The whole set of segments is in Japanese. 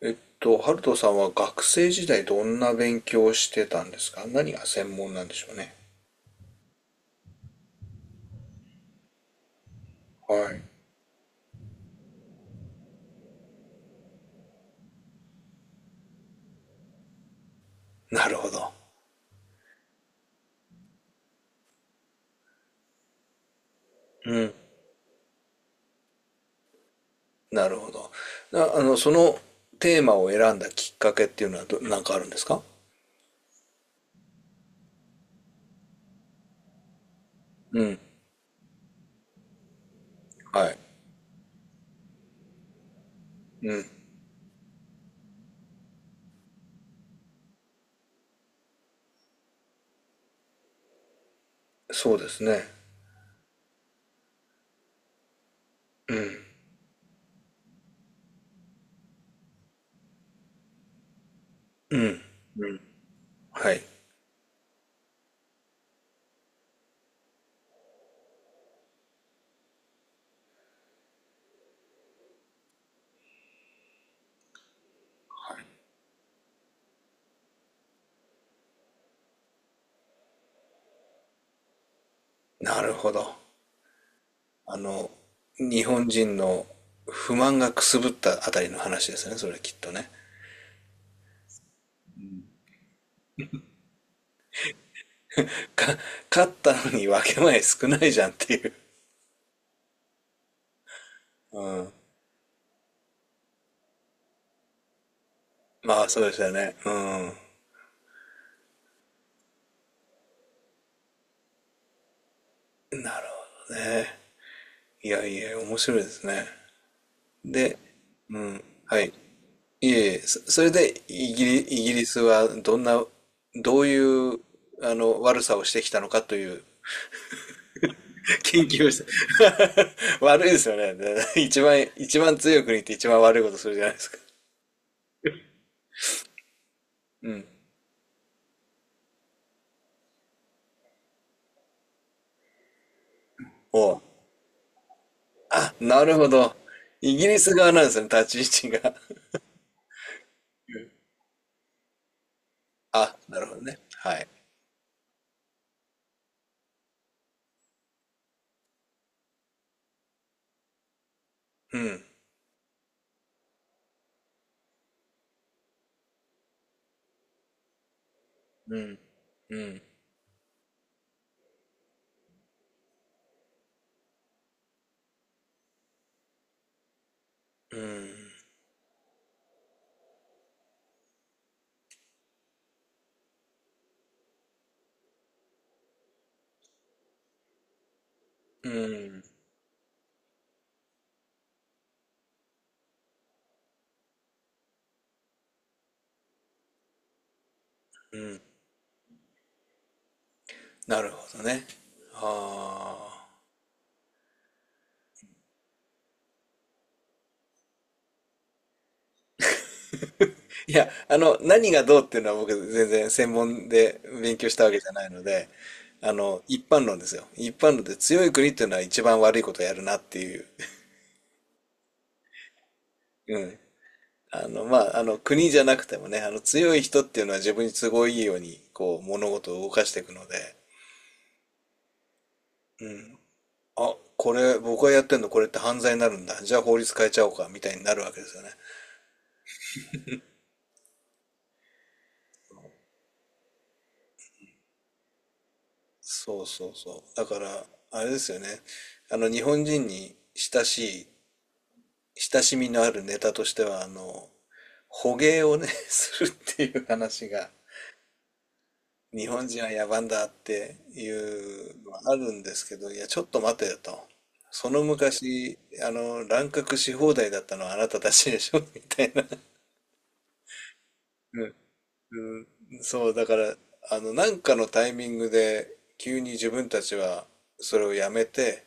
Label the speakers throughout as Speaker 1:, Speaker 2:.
Speaker 1: ハルトさんは学生時代どんな勉強をしてたんですか。何が専門なんでしょうね。はい。なるほど。なるほど。な、あの、そのテーマを選んだきっかけっていうのはなんかあるんですか。うん。はい。そうですね。はい。なるほど。あの、日本人の不満がくすぶったあたりの話ですね。それきっとね。か、勝ったのに分け前少ないじゃんっていう。うん。まあ、そうですよね。うん。ね、いやいや、面白いですね。で、うん、はい。いえいえ、それでイギリスはどんな、どういう、あの、悪さをしてきたのかという、研究をして 悪いですよね。で一番強い国って一番悪いことするじゃないですか。うん。おう。あ、なるほど。イギリス側なんですね、立ち位置が。あ、なるほどね。はい。うん。うん。うん。うん。うん。うん。なるほどね。ああ。いや、あの、何がどうっていうのは僕全然専門で勉強したわけじゃないので、あの、一般論ですよ。一般論で強い国っていうのは一番悪いことをやるなっていう。うん。国じゃなくてもね、あの、強い人っていうのは自分に都合いいように、こう、物事を動かしていくので、あ、これ、僕がやってんのこれって犯罪になるんだ。じゃあ法律変えちゃおうか、みたいになるわけですよね。そうそうそう。だから、あれですよね。日本人に親しい、親しみのあるネタとしては、あの、捕鯨をね、するっていう話が、日本人は野蛮だっていうのはあるんですけど、いや、ちょっと待てよと。その昔、あの、乱獲し放題だったのはあなたたちでしょ みたいな。うん、うん、そう、だから、あの、なんかのタイミングで、急に自分たちはそれをやめて、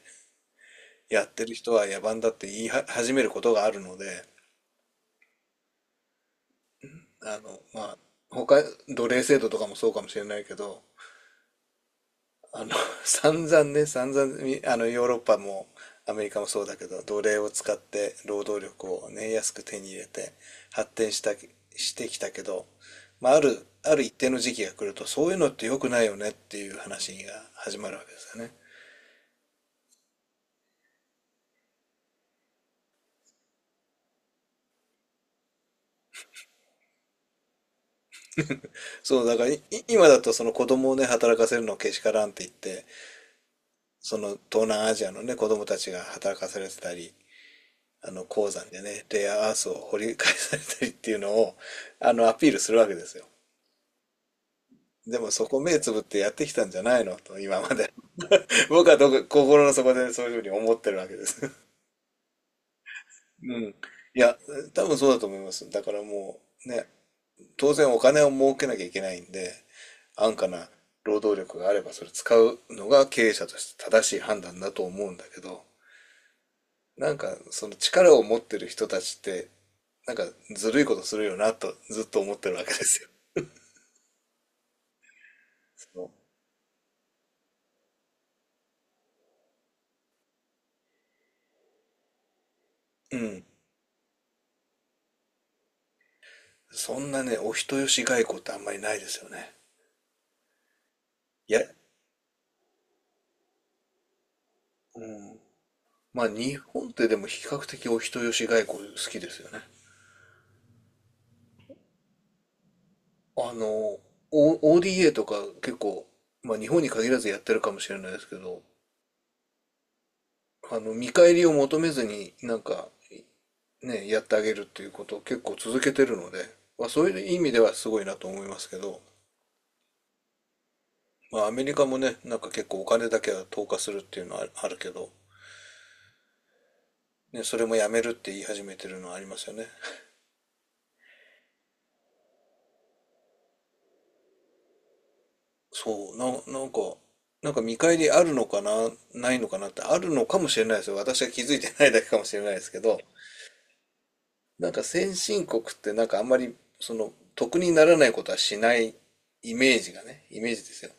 Speaker 1: やってる人は野蛮だって言いは始めることがあるので、あの、まあ、他、奴隷制度とかもそうかもしれないけど、あの、散々ね、散々み、あの、ヨーロッパもアメリカもそうだけど、奴隷を使って労働力をね、安く手に入れて発展した、してきたけど、まあ、ある一定の時期が来ると、そういうのって良くないよねっていう話が始まるわけですよね。そう、だから今だとその子供をね、働かせるのけしからんって言って、その東南アジアのね、子供たちが働かされてたり、あの鉱山でね、レアアースを掘り返されたりっていうのを、あの、アピールするわけですよ。でもそこ目つぶってやってきたんじゃないのと、今まで。僕はどこ心の底でそういうふうに思ってるわけです。うん。いや、多分そうだと思います。だからもう、ね、当然お金を儲けなきゃいけないんで、安価な労働力があればそれ使うのが経営者として正しい判断だと思うんだけど、なんかその力を持ってる人たちってなんかずるいことするよなとずっと思ってるわけですよ。そのうん。そんなね、お人よし外交ってあんまりないですよね。いや、うん。まあ日本ってでも比較的お人よし外交好きですよね。あの、ODA とか結構、まあ日本に限らずやってるかもしれないですけど、あの、見返りを求めずになんか、ね、やってあげるっていうことを結構続けてるので、まあそういう意味ではすごいなと思いますけど、まあ、アメリカもね、なんか結構お金だけは投下するっていうのはあるけど、ね、それもやめるって言い始めてるのはありますよね。そう、な、なんか、なんか見返りあるのかな、ないのかなってあるのかもしれないですよ。私は気づいてないだけかもしれないですけど、なんか先進国ってなんかあんまり、その、得にならないことはしないイメージがね、イメージですよ。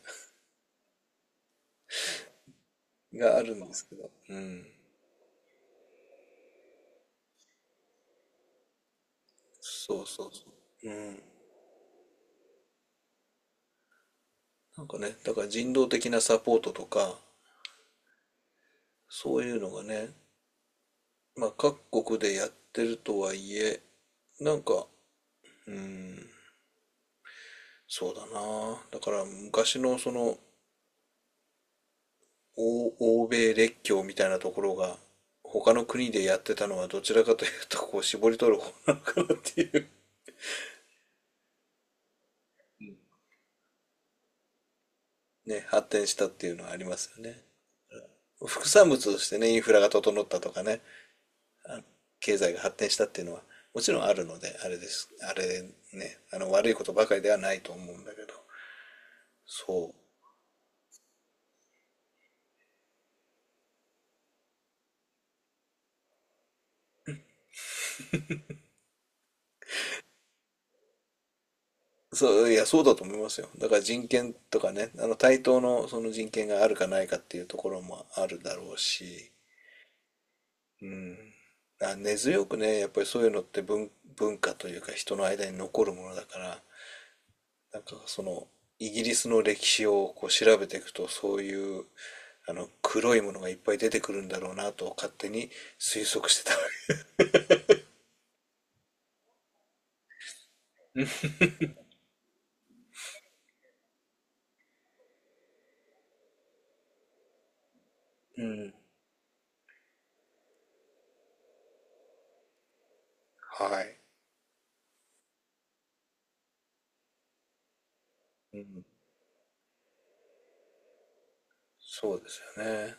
Speaker 1: があるんですけど、うん。そうそうそう。うん。なんかね、だから人道的なサポートとか、そういうのがね、まあ、各国でやってるとはいえ、なんか、うん、そうだな。だから昔のその、欧米列強みたいなところが、他の国でやってたのはどちらかというと、こう、絞り取る方なのかなっていう。 ね、発展したっていうのはありますよね。副産物としてね、インフラが整ったとかね、経済が発展したっていうのは、もちろんあるので、あれです。あれね、あの、悪いことばかりではないと思うんだけど、そう。そう、いや、そうだと思いますよ。だから人権とかね、あの対等のその人権があるかないかっていうところもあるだろうし、うん。あ、根強くね、やっぱりそういうのって文化というか人の間に残るものだから、なんかそのイギリスの歴史をこう調べていくとそういうあの黒いものがいっぱい出てくるんだろうなと勝手に推測してたわけ。うん。はい。うん。そうですよね。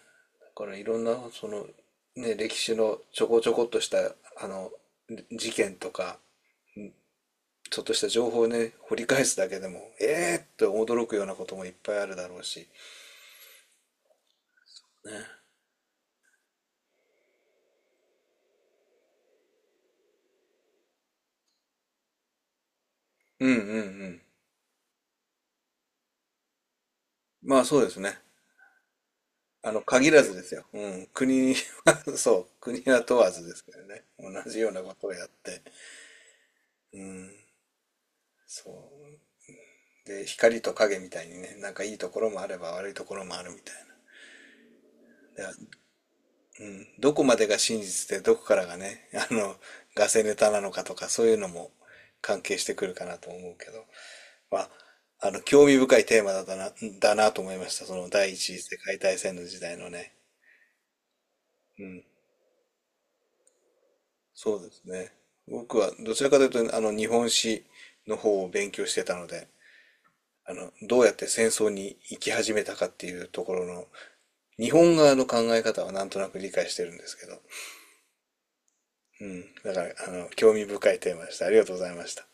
Speaker 1: からいろんなその、ね、歴史のちょこちょこっとしたあの事件とかちょっとした情報をね掘り返すだけでもえーって驚くようなこともいっぱいあるだろうし、ね、うんうんうん、まあそうですね、あの限らずですよ、うん、国は、 そう国は問わずですけどね、同じようなことをやって、うん、そうで光と影みたいにね、なんかいいところもあれば悪いところもあるみたいな。で、うん、どこまでが真実でどこからがね、あの、ガセネタなのかとかそういうのも関係してくるかなと思うけど、まあ、あの、興味深いテーマだなと思いました。その第一次世界大戦の時代のね。うん。そうですね。僕はどちらかというと、あの、日本史の方を勉強してたので、あの、どうやって戦争に行き始めたかっていうところの、日本側の考え方はなんとなく理解してるんですけど、うん。だから、あの、興味深いテーマでした。ありがとうございました。